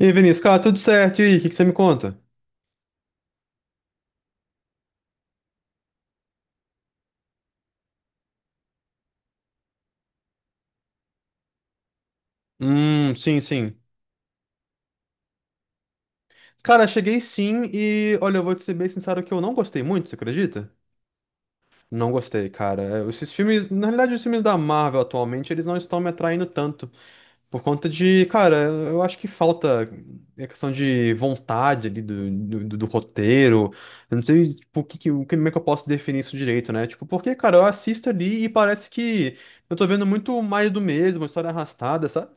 E aí, Vinícius, cara, tudo certo? E aí, o que que você me conta? Sim, sim. Cara, cheguei sim e, olha, eu vou te ser bem sincero que eu não gostei muito, você acredita? Não gostei, cara. É, esses filmes, na realidade, os filmes da Marvel atualmente, eles não estão me atraindo tanto. Por conta de, cara, eu acho que falta a questão de vontade ali do roteiro. Eu não sei, tipo, o que, que- o que- como é que eu posso definir isso direito, né? Tipo, porque, cara, eu assisto ali e parece que eu tô vendo muito mais do mesmo, história arrastada, sabe?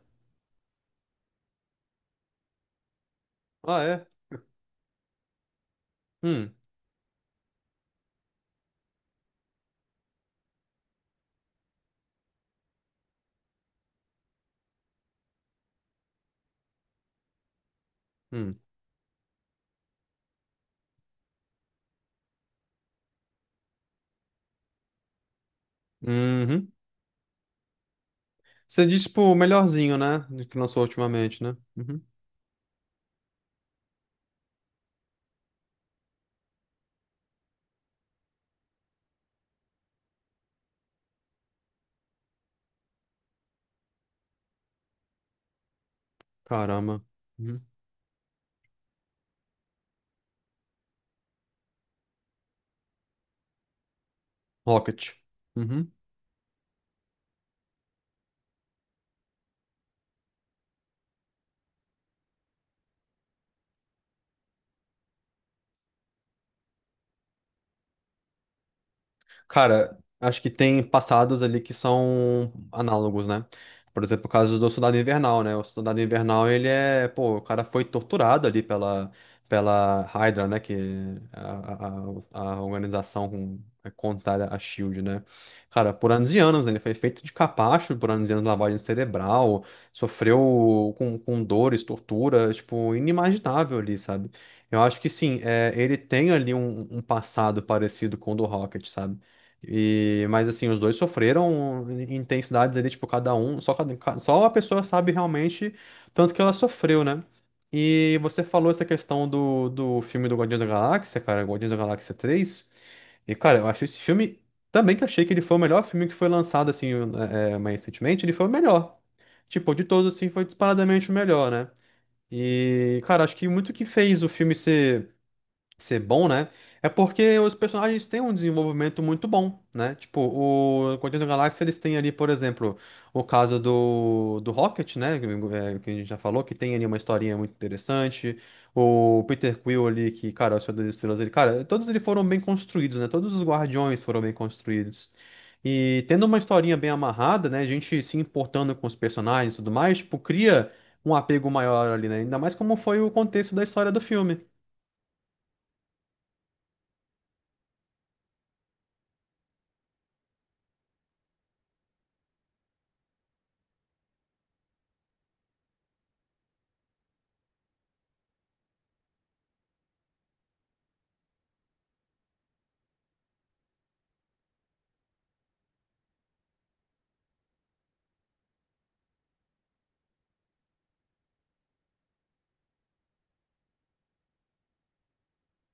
Ah, é. Hum. Hum. Uhum. Você disse, tipo, o melhorzinho, né? Que lançou ultimamente, né? Uhum. Caramba. Uhum. Rocket. Uhum. Cara, acho que tem passados ali que são análogos, né? Por exemplo, o caso do Soldado Invernal, né? O Soldado Invernal, ele é, pô, o cara foi torturado ali pela Hydra, né? Que é a organização é contrária à Shield, né? Cara, por anos e anos, né? Ele foi feito de capacho por anos e anos, lavagem cerebral, sofreu com dores, tortura, tipo, inimaginável ali, sabe? Eu acho que sim, é, ele tem ali um, um passado parecido com o do Rocket, sabe? E, mas assim, os dois sofreram intensidades ali, tipo, cada um, só, só a pessoa sabe realmente tanto que ela sofreu, né? E você falou essa questão do, do filme do Guardiões da Galáxia, cara, Guardiões da Galáxia três. E, cara, eu acho esse filme também que achei que ele foi o melhor filme que foi lançado, assim, mais recentemente, ele foi o melhor. Tipo, de todos, assim, foi disparadamente o melhor, né? E, cara, acho que muito que fez o filme ser ser bom, né? É porque os personagens têm um desenvolvimento muito bom, né? Tipo, o Guardiões da Galáxia, eles têm ali, por exemplo, o caso do, do Rocket, né? Que é, que a gente já falou, que tem ali uma historinha muito interessante. O Peter Quill ali, que, cara, é o Senhor das Estrelas, ele, cara, todos eles foram bem construídos, né? Todos os Guardiões foram bem construídos. E tendo uma historinha bem amarrada, né? A gente se importando com os personagens e tudo mais, tipo, cria um apego maior ali, né? Ainda mais como foi o contexto da história do filme.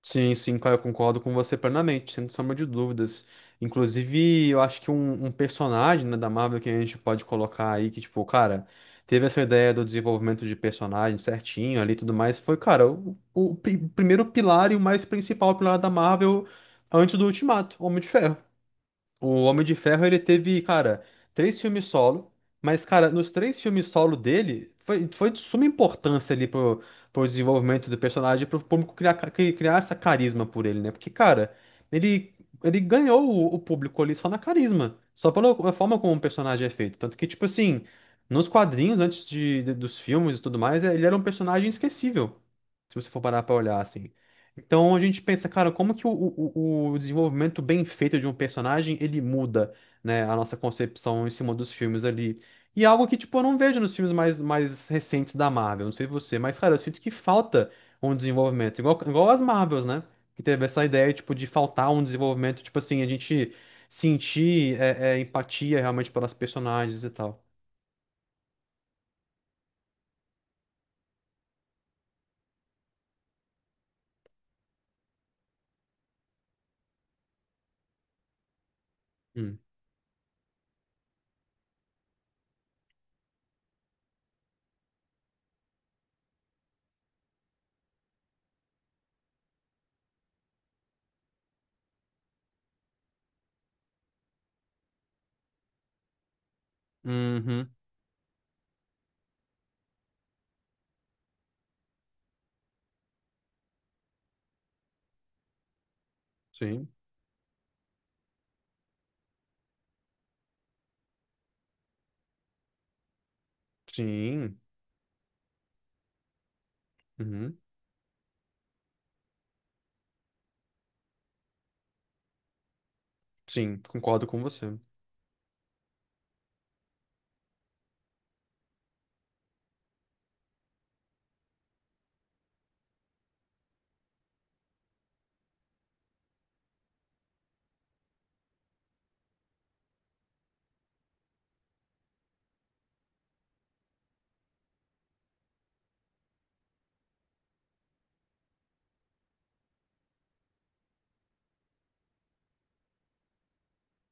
Sim, sim, cara, eu concordo com você plenamente, sem sombra de dúvidas. Inclusive, eu acho que um personagem, né, da Marvel que a gente pode colocar aí, que, tipo, cara, teve essa ideia do desenvolvimento de personagem certinho ali e tudo mais, foi, cara, o, primeiro pilar e o mais principal pilar da Marvel antes do Ultimato, Homem de Ferro. O Homem de Ferro, ele teve, cara, três filmes solo, mas, cara, nos três filmes solo dele, foi de suma importância ali pro, pro desenvolvimento do personagem, pro público criar, criar essa carisma por ele, né? Porque, cara, ele, ele ganhou o público ali só na carisma, só pela forma como o personagem é feito. Tanto que, tipo assim, nos quadrinhos, antes dos filmes e tudo mais, é, ele era um personagem esquecível, se você for parar pra olhar, assim. Então a gente pensa, cara, como que o desenvolvimento bem feito de um personagem, ele muda, né, a nossa concepção em cima dos filmes ali. E é algo que, tipo, eu não vejo nos filmes mais recentes da Marvel, não sei você, mas, cara, eu sinto que falta um desenvolvimento, igual as Marvels, né, que teve essa ideia, tipo, de faltar um desenvolvimento, tipo assim, a gente sentir empatia realmente pelas personagens e tal. Hum. Uhum. Sim, sim, uhum. Sim, concordo com você.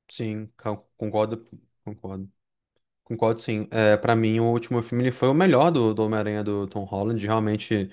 Concordo, concordo. Concordo, sim. É, para mim, o último filme ele foi o melhor do, do Homem-Aranha do Tom Holland. Realmente,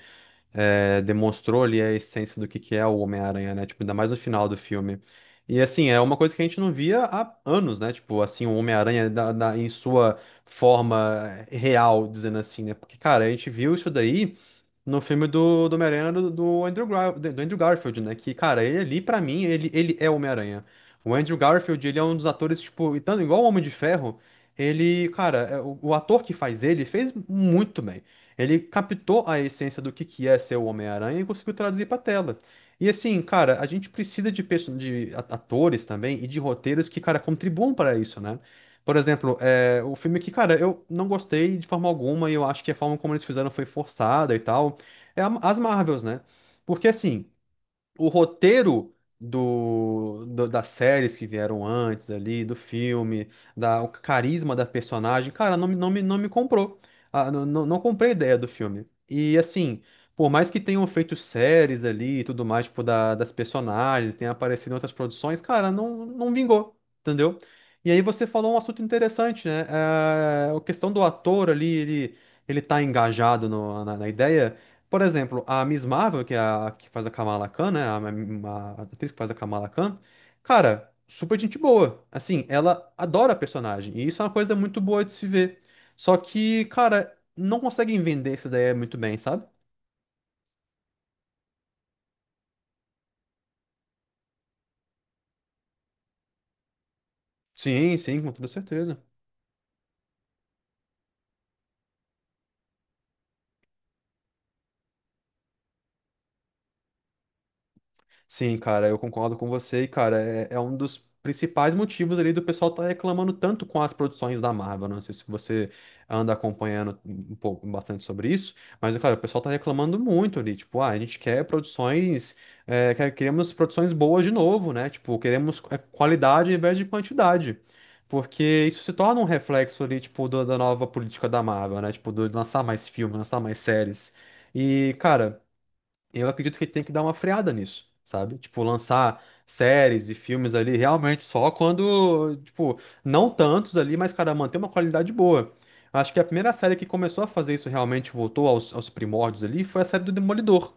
é, demonstrou ali a essência do que é o Homem-Aranha, né? Tipo, ainda mais no final do filme. E assim, é uma coisa que a gente não via há anos, né? Tipo, assim, o Homem-Aranha em sua forma é, real, dizendo assim, né? Porque, cara, a gente viu isso daí no filme do, do Homem-Aranha do, do do Andrew Garfield, né? Que, cara, ele ali, pra mim, ele é o Homem-Aranha. O Andrew Garfield, ele é um dos atores, tipo, e tanto igual o Homem de Ferro, ele, cara, é, o ator que faz ele fez muito bem. Ele captou a essência do que é ser o Homem-Aranha e conseguiu traduzir pra tela. E assim, cara, a gente precisa de, atores também e de roteiros que, cara, contribuam para isso, né? Por exemplo, é, o filme que, cara, eu não gostei de forma alguma e eu acho que a forma como eles fizeram foi forçada e tal. É as Marvels, né? Porque assim o roteiro do das séries que vieram antes ali, do filme, da, o carisma da personagem, cara, não me comprou. Ah, não comprei a ideia do filme. E assim, por mais que tenham feito séries ali e tudo mais, tipo, da, das personagens, tenha aparecido em outras produções, cara, não vingou, entendeu? E aí você falou um assunto interessante, né? A questão do ator ali, ele tá engajado na na ideia. Por exemplo, a Miss Marvel, que é a que faz a Kamala Khan, né? A atriz que faz a Kamala Khan, cara, super gente boa. Assim, ela adora a personagem. E isso é uma coisa muito boa de se ver. Só que, cara, não conseguem vender essa ideia muito bem, sabe? Sim, sim, com toda certeza. Sim, cara, eu concordo com você. E, cara, é, é um dos principais motivos ali do pessoal tá reclamando tanto com as produções da Marvel, né? Não sei se você anda acompanhando um pouco, bastante sobre isso, mas, cara, o pessoal tá reclamando muito ali. Tipo, ah, a gente quer produções, é, queremos produções boas de novo, né? Tipo, queremos é, qualidade ao invés de quantidade. Porque isso se torna um reflexo ali, tipo, da nova política da Marvel, né? Tipo, do, de lançar mais filmes, lançar mais séries. E, cara, eu acredito que tem que dar uma freada nisso, sabe? Tipo, lançar séries e filmes ali realmente só quando, tipo, não tantos ali, mas, cara, manter uma qualidade boa. Acho que a primeira série que começou a fazer isso realmente, voltou aos, aos primórdios ali, foi a série do Demolidor,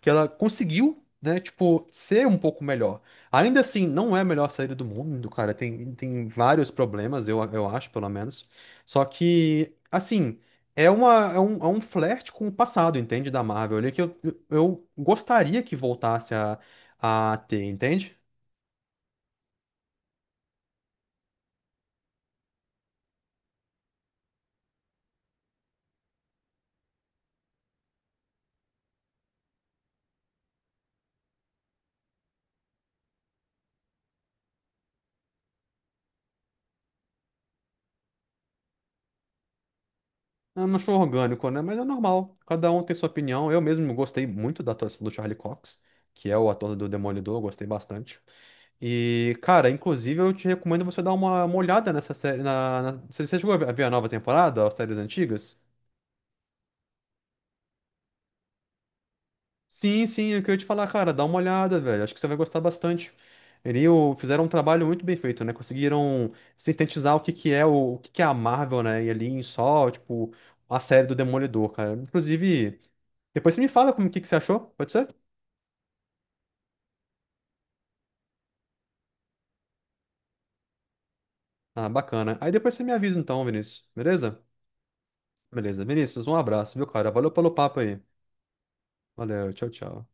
que ela conseguiu, né, tipo, ser um pouco melhor. Ainda assim, não é a melhor série do mundo, cara, tem, tem vários problemas, eu acho, pelo menos. Só que, assim, é, uma, é um flerte com o passado, entende? Da Marvel ali, que eu, eu gostaria que voltasse a ter, entende? Eu não sou orgânico, né? Mas é normal. Cada um tem sua opinião. Eu mesmo gostei muito da atuação do Charlie Cox, que é o ator do Demolidor, eu gostei bastante. E, cara, inclusive eu te recomendo você dar uma olhada nessa série. Você chegou a ver a nova temporada, as séries antigas? Sim, sim, é o que eu ia te falar, cara. Dá uma olhada, velho. Acho que você vai gostar bastante. Eles fizeram um trabalho muito bem feito, né? Conseguiram sintetizar o que que é o que que é a Marvel, né? E ali em só, tipo, a série do Demolidor, cara. Inclusive, depois você me fala como que você achou, pode ser? Ah, bacana. Aí depois você me avisa então, Vinícius. Beleza? Beleza. Vinícius, um abraço, viu, cara? Valeu pelo papo aí. Valeu, tchau, tchau.